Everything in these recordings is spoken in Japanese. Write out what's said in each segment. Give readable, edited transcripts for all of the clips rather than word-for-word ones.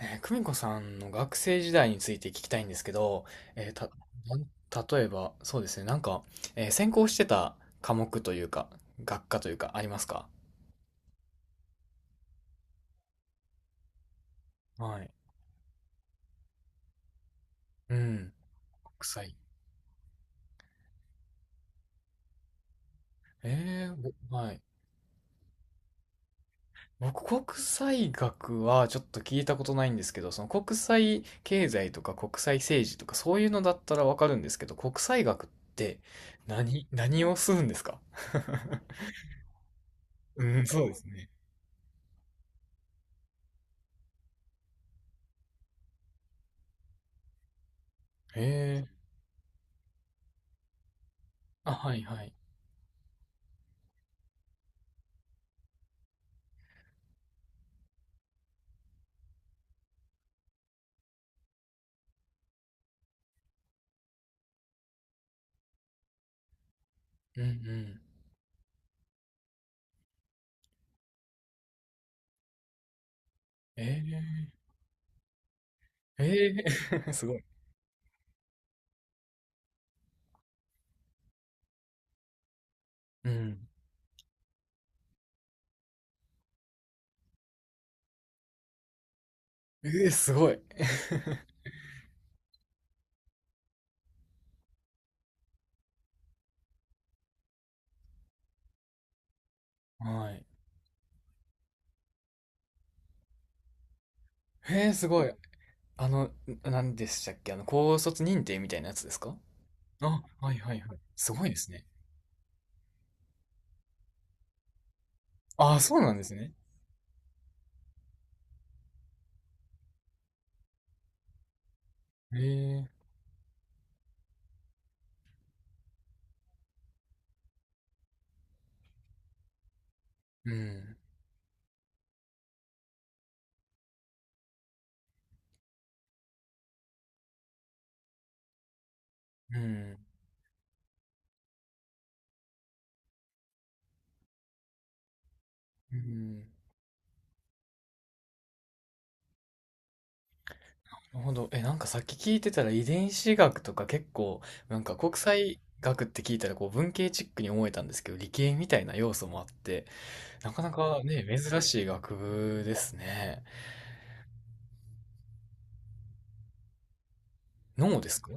久美子さんの学生時代について聞きたいんですけど、えーた、なん例えば、そうですね、なんか、専攻してた科目というか、学科というか、ありますか？はい。うん。国際。えー、はい。僕、国際学はちょっと聞いたことないんですけど、その国際経済とか国際政治とか、そういうのだったらわかるんですけど、国際学って何をするんですか？ うん、そうですね。えー、あ、はいはい。うんうん。えー、えすごい。うん。すごい。はい。すごい。あの、なんでしたっけ？あの、高卒認定みたいなやつですか？あ、はいはいはい。すごいですね。ああ、そうなんですね。えー、うん、うん、うん。なるほど。え、なんかさっき聞いてたら遺伝子学とか結構、なんか国際学って聞いたらこう文系チックに思えたんですけど、理系みたいな要素もあって、なかなかね、珍しい学部ですね。脳ですか？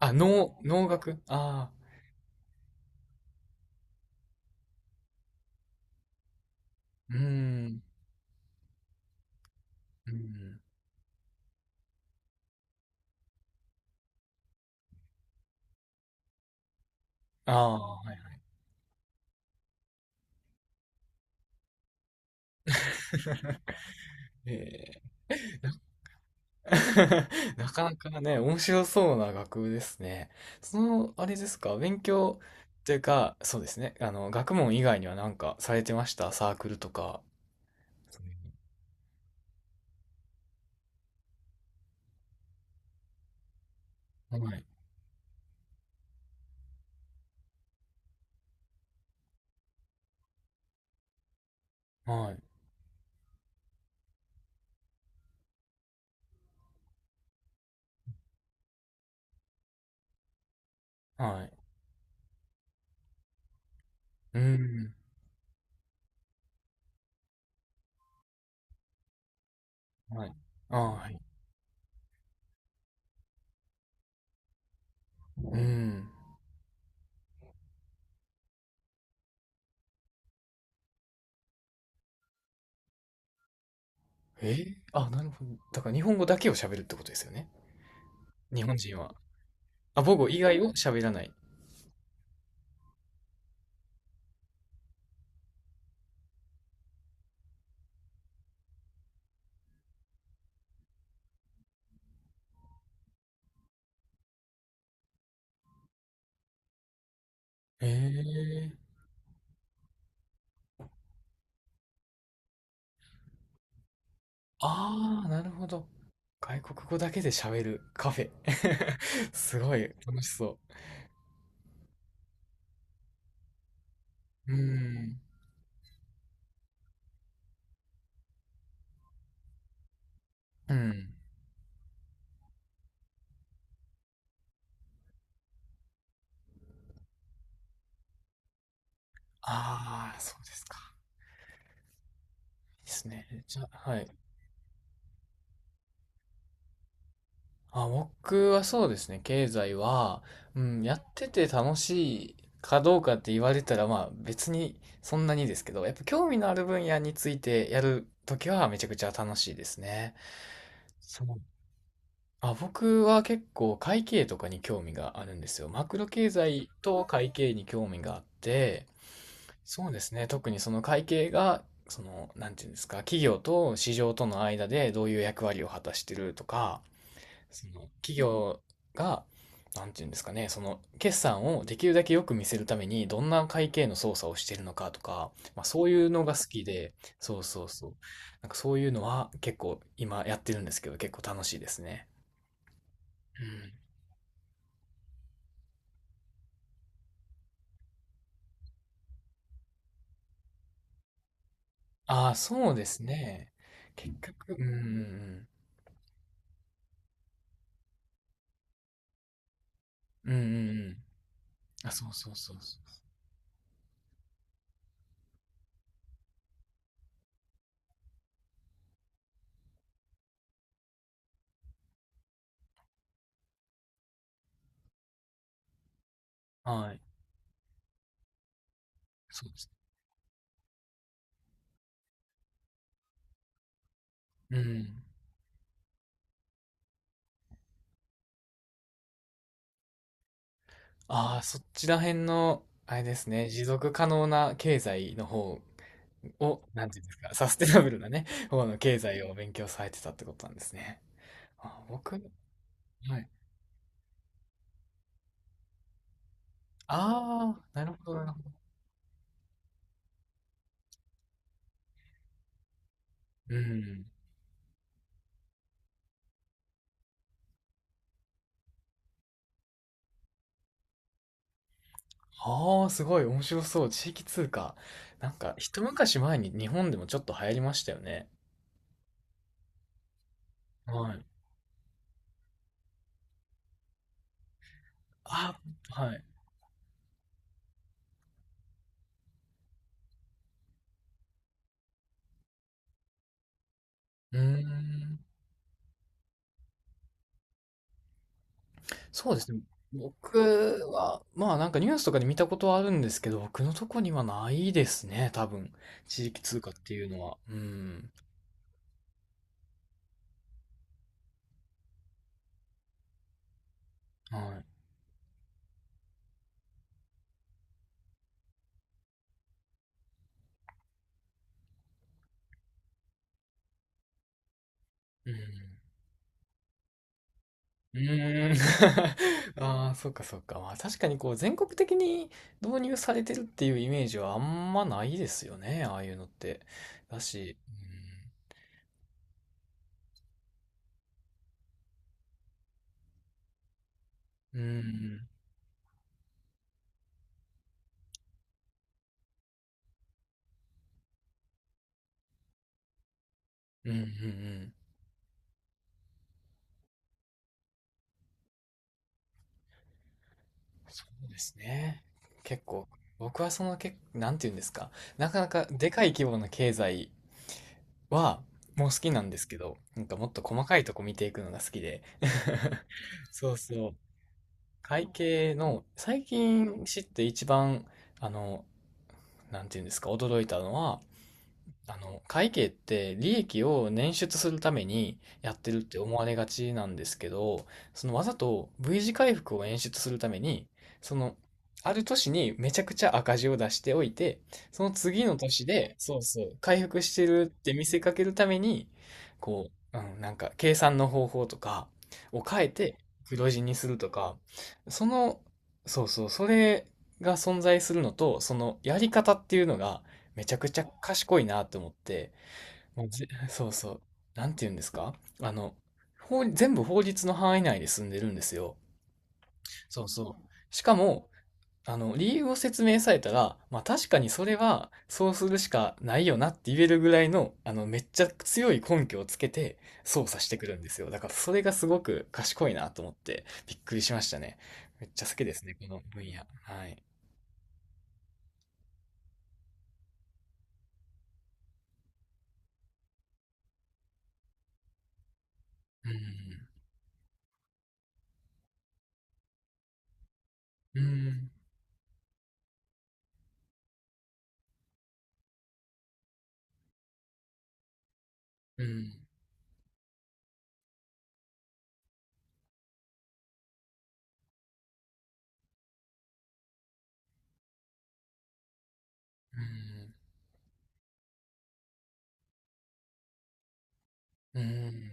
あ、農学ああー、うーん、うん。ああ、はい。えー、なかなかね、面白そうな学部ですね。その、あれですか、勉強っていうか、そうですね、あの、学問以外にはなんかされてました？サークルとか。そういうのはい、はい、はい。うん、はい、はい。うん。あ、なるほど。だから日本語だけを喋るってことですよね。日本人は。あ、母語以外を喋らない。ええ、ああ、なるほど。外国語だけで喋るカフェ。すごい楽しそう。うーん。うん。ああ、そうですか。いいですね。じゃあ、はい。あ、僕はそうですね。経済は、うん、やってて楽しいかどうかって言われたら、まあ別にそんなにですけど、やっぱ興味のある分野についてやるときはめちゃくちゃ楽しいですね。そうあ、僕は結構会計とかに興味があるんですよ。マクロ経済と会計に興味があって、そうですね。特にその会計が、その、なんていうんですか、企業と市場との間でどういう役割を果たしてるとか、その企業が、なんていうんですかね、その決算をできるだけよく見せるためにどんな会計の操作をしてるのかとか、まあそういうのが好きで、そうそうそう。なんかそういうのは結構今やってるんですけど、結構楽しいですね。ああ、そうですね。結局、うんうんうん。うんうんうん。あ、そうそうそうそう。はい。そうです。うん。ああ、そっちら辺の、あれですね、持続可能な経済の方を、なんていうんですか、サステナブルなね、方の経済を勉強されてたってことなんですね。あ、僕、はい。ああ、なるほど、なるほど。うん。ああ、すごい、面白そう。地域通貨。なんか、一昔前に日本でもちょっと流行りましたよね。はい。あ、はい。うーん。そうですね。僕は、まあなんかニュースとかで見たことはあるんですけど、僕のとこにはないですね、多分。地域通貨っていうのは。うん。はい。うん。うーん。ああ、そうかそうか。まあ確かにこう全国的に導入されてるっていうイメージはあんまないですよね、ああいうのって。だし、うん。うん。うん。うん。うん、そうですね。結構、僕はそのけ、なんていうんですか、なかなかでかい規模の経済は、もう好きなんですけど、なんかもっと細かいとこ見ていくのが好きで。そうそう。会計の、最近知って一番、あの、なんていうんですか、驚いたのは、あの、会計って利益を捻出するためにやってるって思われがちなんですけど、そのわざと V 字回復を演出するために、その、ある年にめちゃくちゃ赤字を出しておいて、その次の年で、そうそう、回復してるって見せかけるために、こう、うん、なんか計算の方法とかを変えて黒字にするとか、その、そうそう、それが存在するのと、そのやり方っていうのが、めちゃくちゃ賢いなと思って、もうぜ そうそう、なんて言うんですか？あの、全部法律の範囲内で住んでるんですよ。そうそう。しかも、あの、理由を説明されたら、まあ確かにそれはそうするしかないよなって言えるぐらいの、あの、めっちゃ強い根拠をつけて操作してくるんですよ。だからそれがすごく賢いなと思ってびっくりしましたね。めっちゃ好きですね、この分野。はい。うん、うん、うん、うん、うん。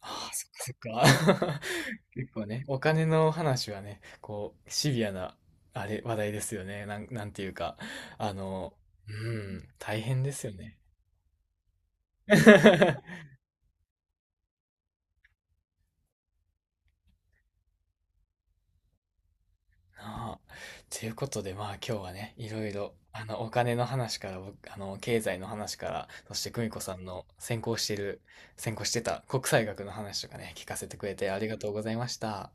ああ、そっかそっか。結構ね、お金の話はね、こう、シビアな、あれ、話題ですよね。なんていうか、あの、うん、大変ですよね。なあ。ということで、まあ今日はね、いろいろ、あの、お金の話から、僕あの、経済の話から、そして久美子さんの専攻してた国際学の話とかね、聞かせてくれてありがとうございました。